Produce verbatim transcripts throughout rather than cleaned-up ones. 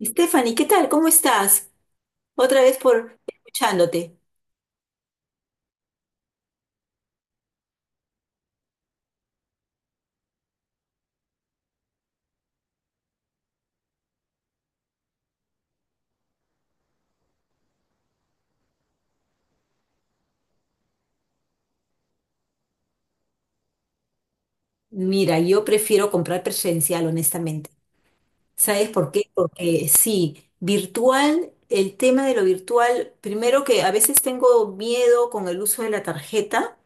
Stephanie, ¿qué tal? ¿Cómo estás? Otra vez por escuchándote. Mira, yo prefiero comprar presencial, honestamente. ¿Sabes por qué? Porque sí, virtual, el tema de lo virtual, primero que a veces tengo miedo con el uso de la tarjeta,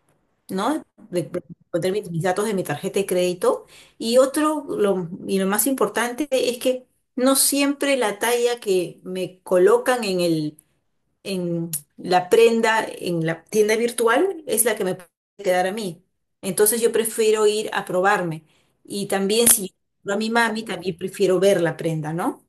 ¿no? De, de poner mis, mis datos de mi tarjeta de crédito. Y otro, lo, y lo más importante es que no siempre la talla que me colocan en el en la prenda, en la tienda virtual, es la que me puede quedar a mí. Entonces yo prefiero ir a probarme. Y también si yo compro a mi mami, también prefiero ver la prenda, ¿no?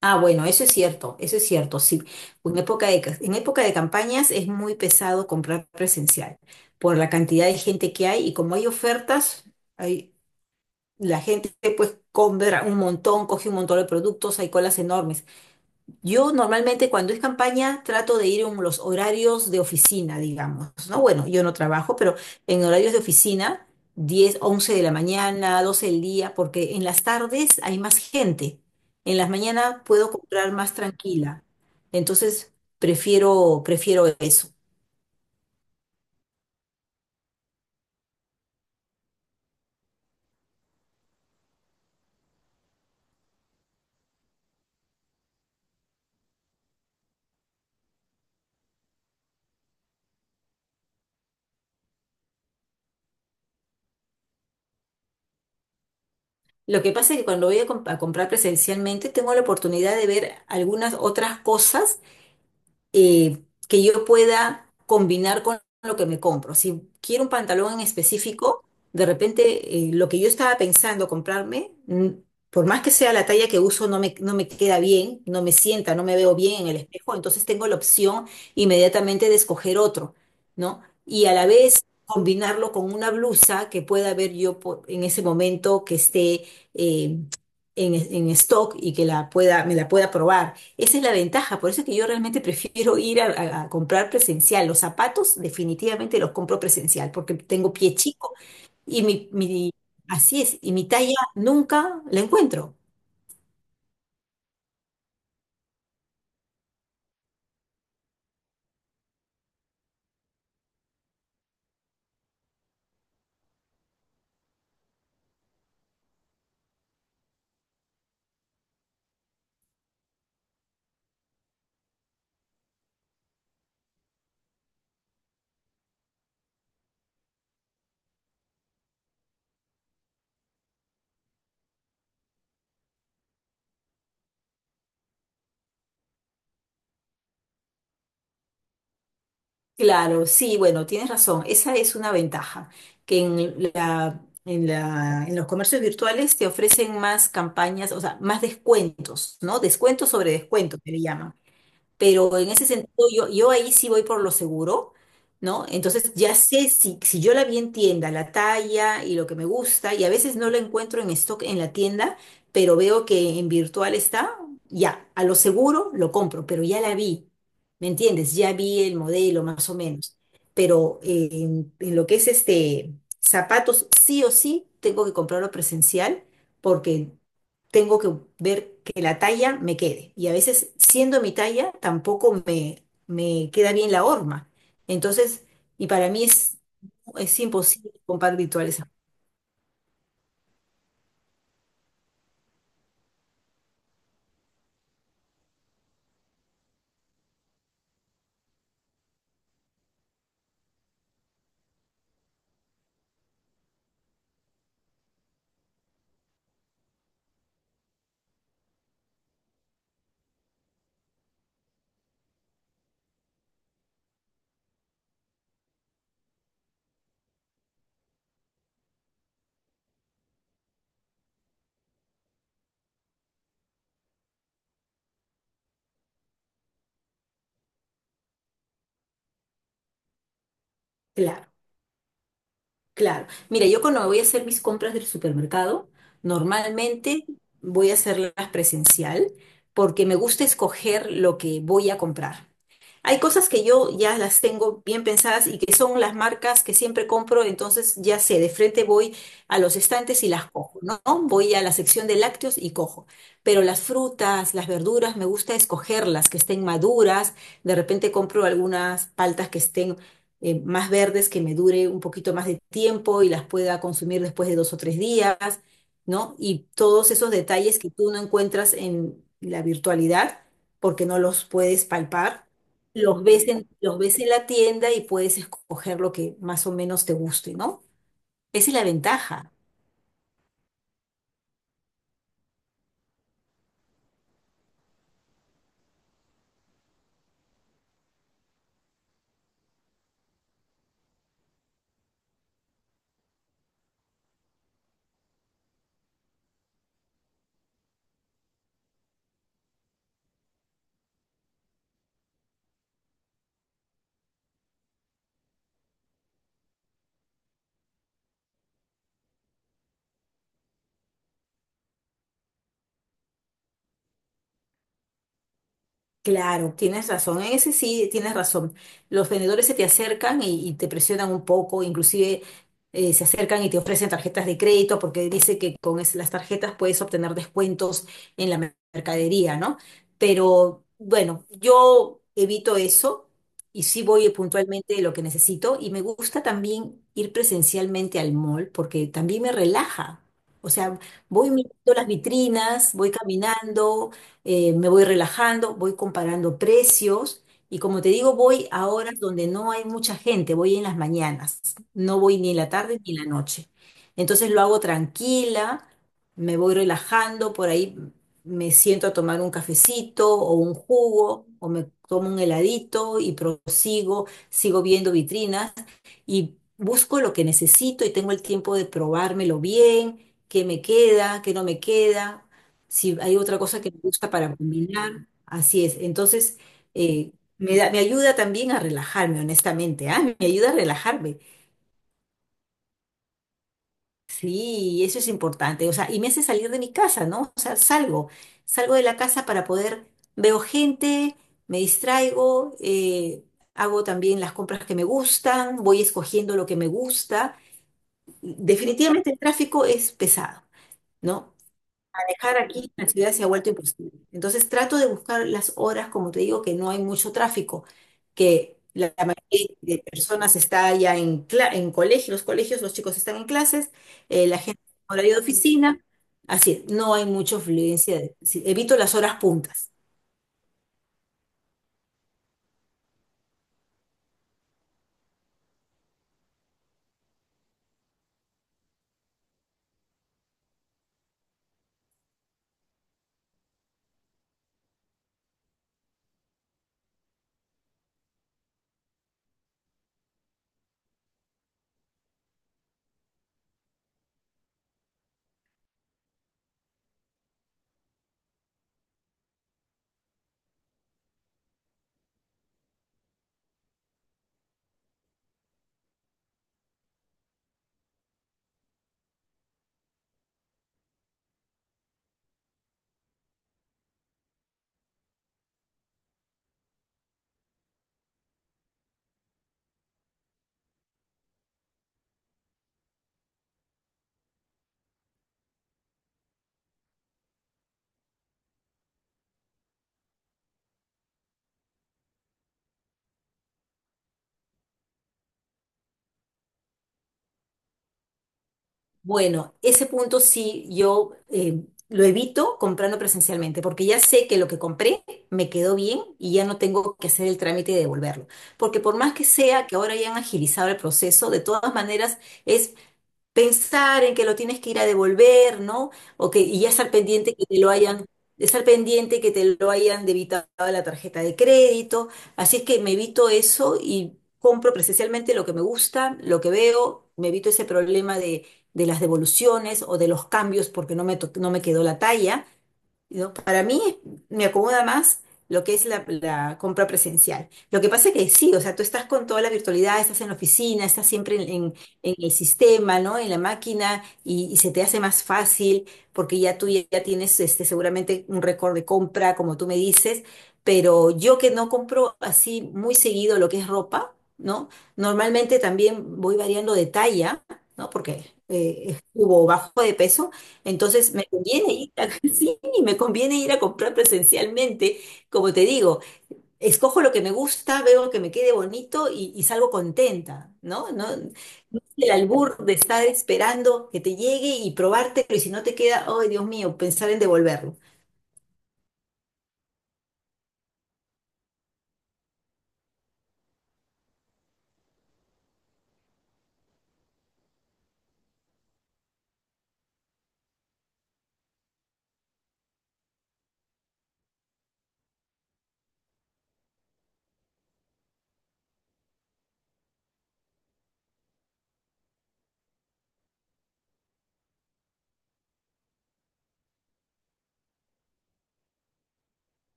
Ah, bueno, eso es cierto, eso es cierto, sí. En época de, ca- en época de campañas es muy pesado comprar presencial por la cantidad de gente que hay y como hay ofertas, hay, la gente pues compra un montón, coge un montón de productos, hay colas enormes. Yo normalmente cuando es campaña trato de ir en los horarios de oficina, digamos, ¿no? Bueno, yo no trabajo, pero en horarios de oficina, diez, once de la mañana, doce del día, porque en las tardes hay más gente. En las mañanas puedo comprar más tranquila. Entonces, prefiero, prefiero eso. Lo que pasa es que cuando voy a, comp- a comprar presencialmente, tengo la oportunidad de ver algunas otras cosas eh, que yo pueda combinar con lo que me compro. Si quiero un pantalón en específico, de repente eh, lo que yo estaba pensando comprarme, mm, por más que sea la talla que uso, no me, no me queda bien, no me sienta, no me veo bien en el espejo, entonces tengo la opción inmediatamente de escoger otro, ¿no? Y a la vez combinarlo con una blusa que pueda ver yo po- en ese momento que esté eh, en, en stock y que la pueda, me la pueda probar. Esa es la ventaja, por eso es que yo realmente prefiero ir a, a- a comprar presencial. Los zapatos definitivamente los compro presencial porque tengo pie chico y mi, mi- así es, y mi talla nunca la encuentro. Claro, sí, bueno, tienes razón, esa es una ventaja, que en la, en la, en los comercios virtuales te ofrecen más campañas, o sea, más descuentos, ¿no? Descuentos sobre descuentos, que le llaman. Pero en ese sentido, yo, yo ahí sí voy por lo seguro, ¿no? Entonces ya sé si, si yo la vi en tienda, la talla y lo que me gusta, y a veces no la encuentro en stock en la tienda, pero veo que en virtual está, ya, a lo seguro lo compro, pero ya la vi, ¿me entiendes? Ya vi el modelo más o menos. Pero eh, en, en lo que es este zapatos, sí o sí tengo que comprarlo presencial porque tengo que ver que la talla me quede. Y a veces, siendo mi talla, tampoco me, me queda bien la horma. Entonces, y para mí es, es imposible comprar virtuales. Claro. Claro. Mira, yo cuando voy a hacer mis compras del supermercado, normalmente voy a hacerlas presencial porque me gusta escoger lo que voy a comprar. Hay cosas que yo ya las tengo bien pensadas y que son las marcas que siempre compro, entonces ya sé, de frente voy a los estantes y las cojo, ¿no? Voy a la sección de lácteos y cojo. Pero las frutas, las verduras, me gusta escogerlas, que estén maduras. De repente compro algunas paltas que estén eh, más verdes que me dure un poquito más de tiempo y las pueda consumir después de dos o tres días, ¿no? Y todos esos detalles que tú no encuentras en la virtualidad porque no los puedes palpar, los ves en, los ves en la tienda y puedes escoger lo que más o menos te guste, ¿no? Esa es la ventaja. Claro, tienes razón. En ese sí tienes razón. Los vendedores se te acercan y, y te presionan un poco, inclusive eh, se acercan y te ofrecen tarjetas de crédito porque dice que con es- las tarjetas puedes obtener descuentos en la mer- mercadería, ¿no? Pero bueno, yo evito eso y sí voy puntualmente de lo que necesito y me gusta también ir presencialmente al mall porque también me relaja. O sea, voy mirando las vitrinas, voy caminando eh, me voy relajando, voy comparando precios y como te digo, voy a horas donde no hay mucha gente, voy en las mañanas, no voy ni en la tarde ni en la noche. Entonces lo hago tranquila, me voy relajando, por ahí me siento a tomar un cafecito o un jugo o me tomo un heladito y prosigo, sigo viendo vitrinas y busco lo que necesito y tengo el tiempo de probármelo bien, qué me queda, qué no me queda, si hay otra cosa que me gusta para combinar, así es. Entonces, eh, me da- me ayuda también a relajarme, honestamente. Ah, me ayuda a relajarme. Sí, eso es importante. O sea, y me hace salir de mi casa, ¿no? O sea, salgo, salgo de la casa para poder, veo gente, me distraigo, eh, hago también las compras que me gustan, voy escogiendo lo que me gusta. Definitivamente el tráfico es pesado, ¿no? manejar aquí en la ciudad se ha vuelto imposible. Entonces trato de buscar las horas, como te digo, que no hay mucho tráfico, que la la mayoría de personas está ya en, cla- en colegio, los colegios, los chicos están en clases, eh, la gente en horario de oficina, así, no hay mucha fluencia. de- sí, evito las horas puntas. Bueno, ese punto sí yo eh, lo evito comprando presencialmente, porque ya sé que lo que compré me quedó bien y ya no tengo que hacer el trámite de devolverlo. Porque por más que sea que ahora hayan agilizado el proceso, de todas maneras es pensar en que lo tienes que ir a devolver, ¿no? O que, y ya estar pendiente que te lo hayan, estar pendiente que te lo hayan debitado a la tarjeta de crédito. Así es que me evito eso y compro presencialmente lo que me gusta, lo que veo, me evito ese problema de, de las devoluciones o de los cambios porque no me, to- no me quedó la talla. ¿No? Para mí me acomoda más lo que es la, la compra presencial. Lo que pasa es que sí, o sea, tú estás con toda la virtualidad, estás en la oficina, estás siempre en, en- en el sistema, ¿no? En la máquina y, y se te hace más fácil porque ya tú ya, ya tienes este, seguramente un récord de compra, como tú me dices, pero yo que no compro así muy seguido lo que es ropa, ¿no? Normalmente también voy variando de talla, ¿no? Porque eh, subo o bajo de peso, entonces me conviene y me conviene ir a comprar presencialmente. Como te digo, escojo lo que me gusta, veo que me quede bonito y, y salgo contenta, ¿no? No el albur de estar esperando que te llegue y probártelo y si no te queda, ay, Dios mío, pensar en devolverlo.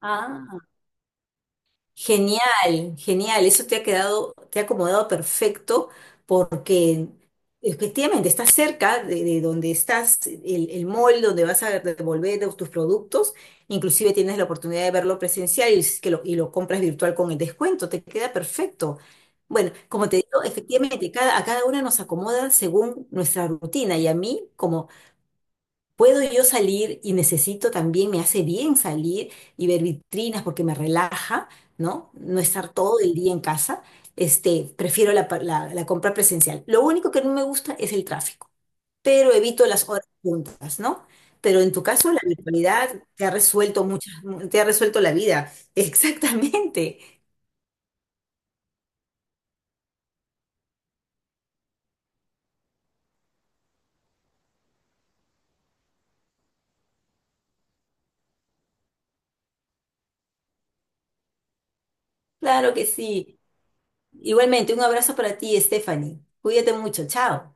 Ah. Genial, genial. Eso te ha quedado, te ha acomodado perfecto porque efectivamente estás cerca de, de donde estás, el, el mall donde vas a devolver tus productos. Inclusive tienes la oportunidad de verlo presencial y, es que lo, y lo compras virtual con el descuento. Te queda perfecto. Bueno, como te digo, efectivamente cada, a cada una nos acomoda según nuestra rutina y a mí, como Puedo yo salir y necesito también, me hace bien salir y ver vitrinas porque me relaja, ¿no? No estar todo el día en casa. Este, prefiero la, pa- la- la compra presencial. Lo único que no me gusta es el tráfico, pero evito las horas juntas, ¿no? Pero en tu caso, la virtualidad te ha resuelto muchas, te ha resuelto la vida. Exactamente. Claro que sí. Igualmente, un abrazo para ti, Stephanie. Cuídate mucho. Chao.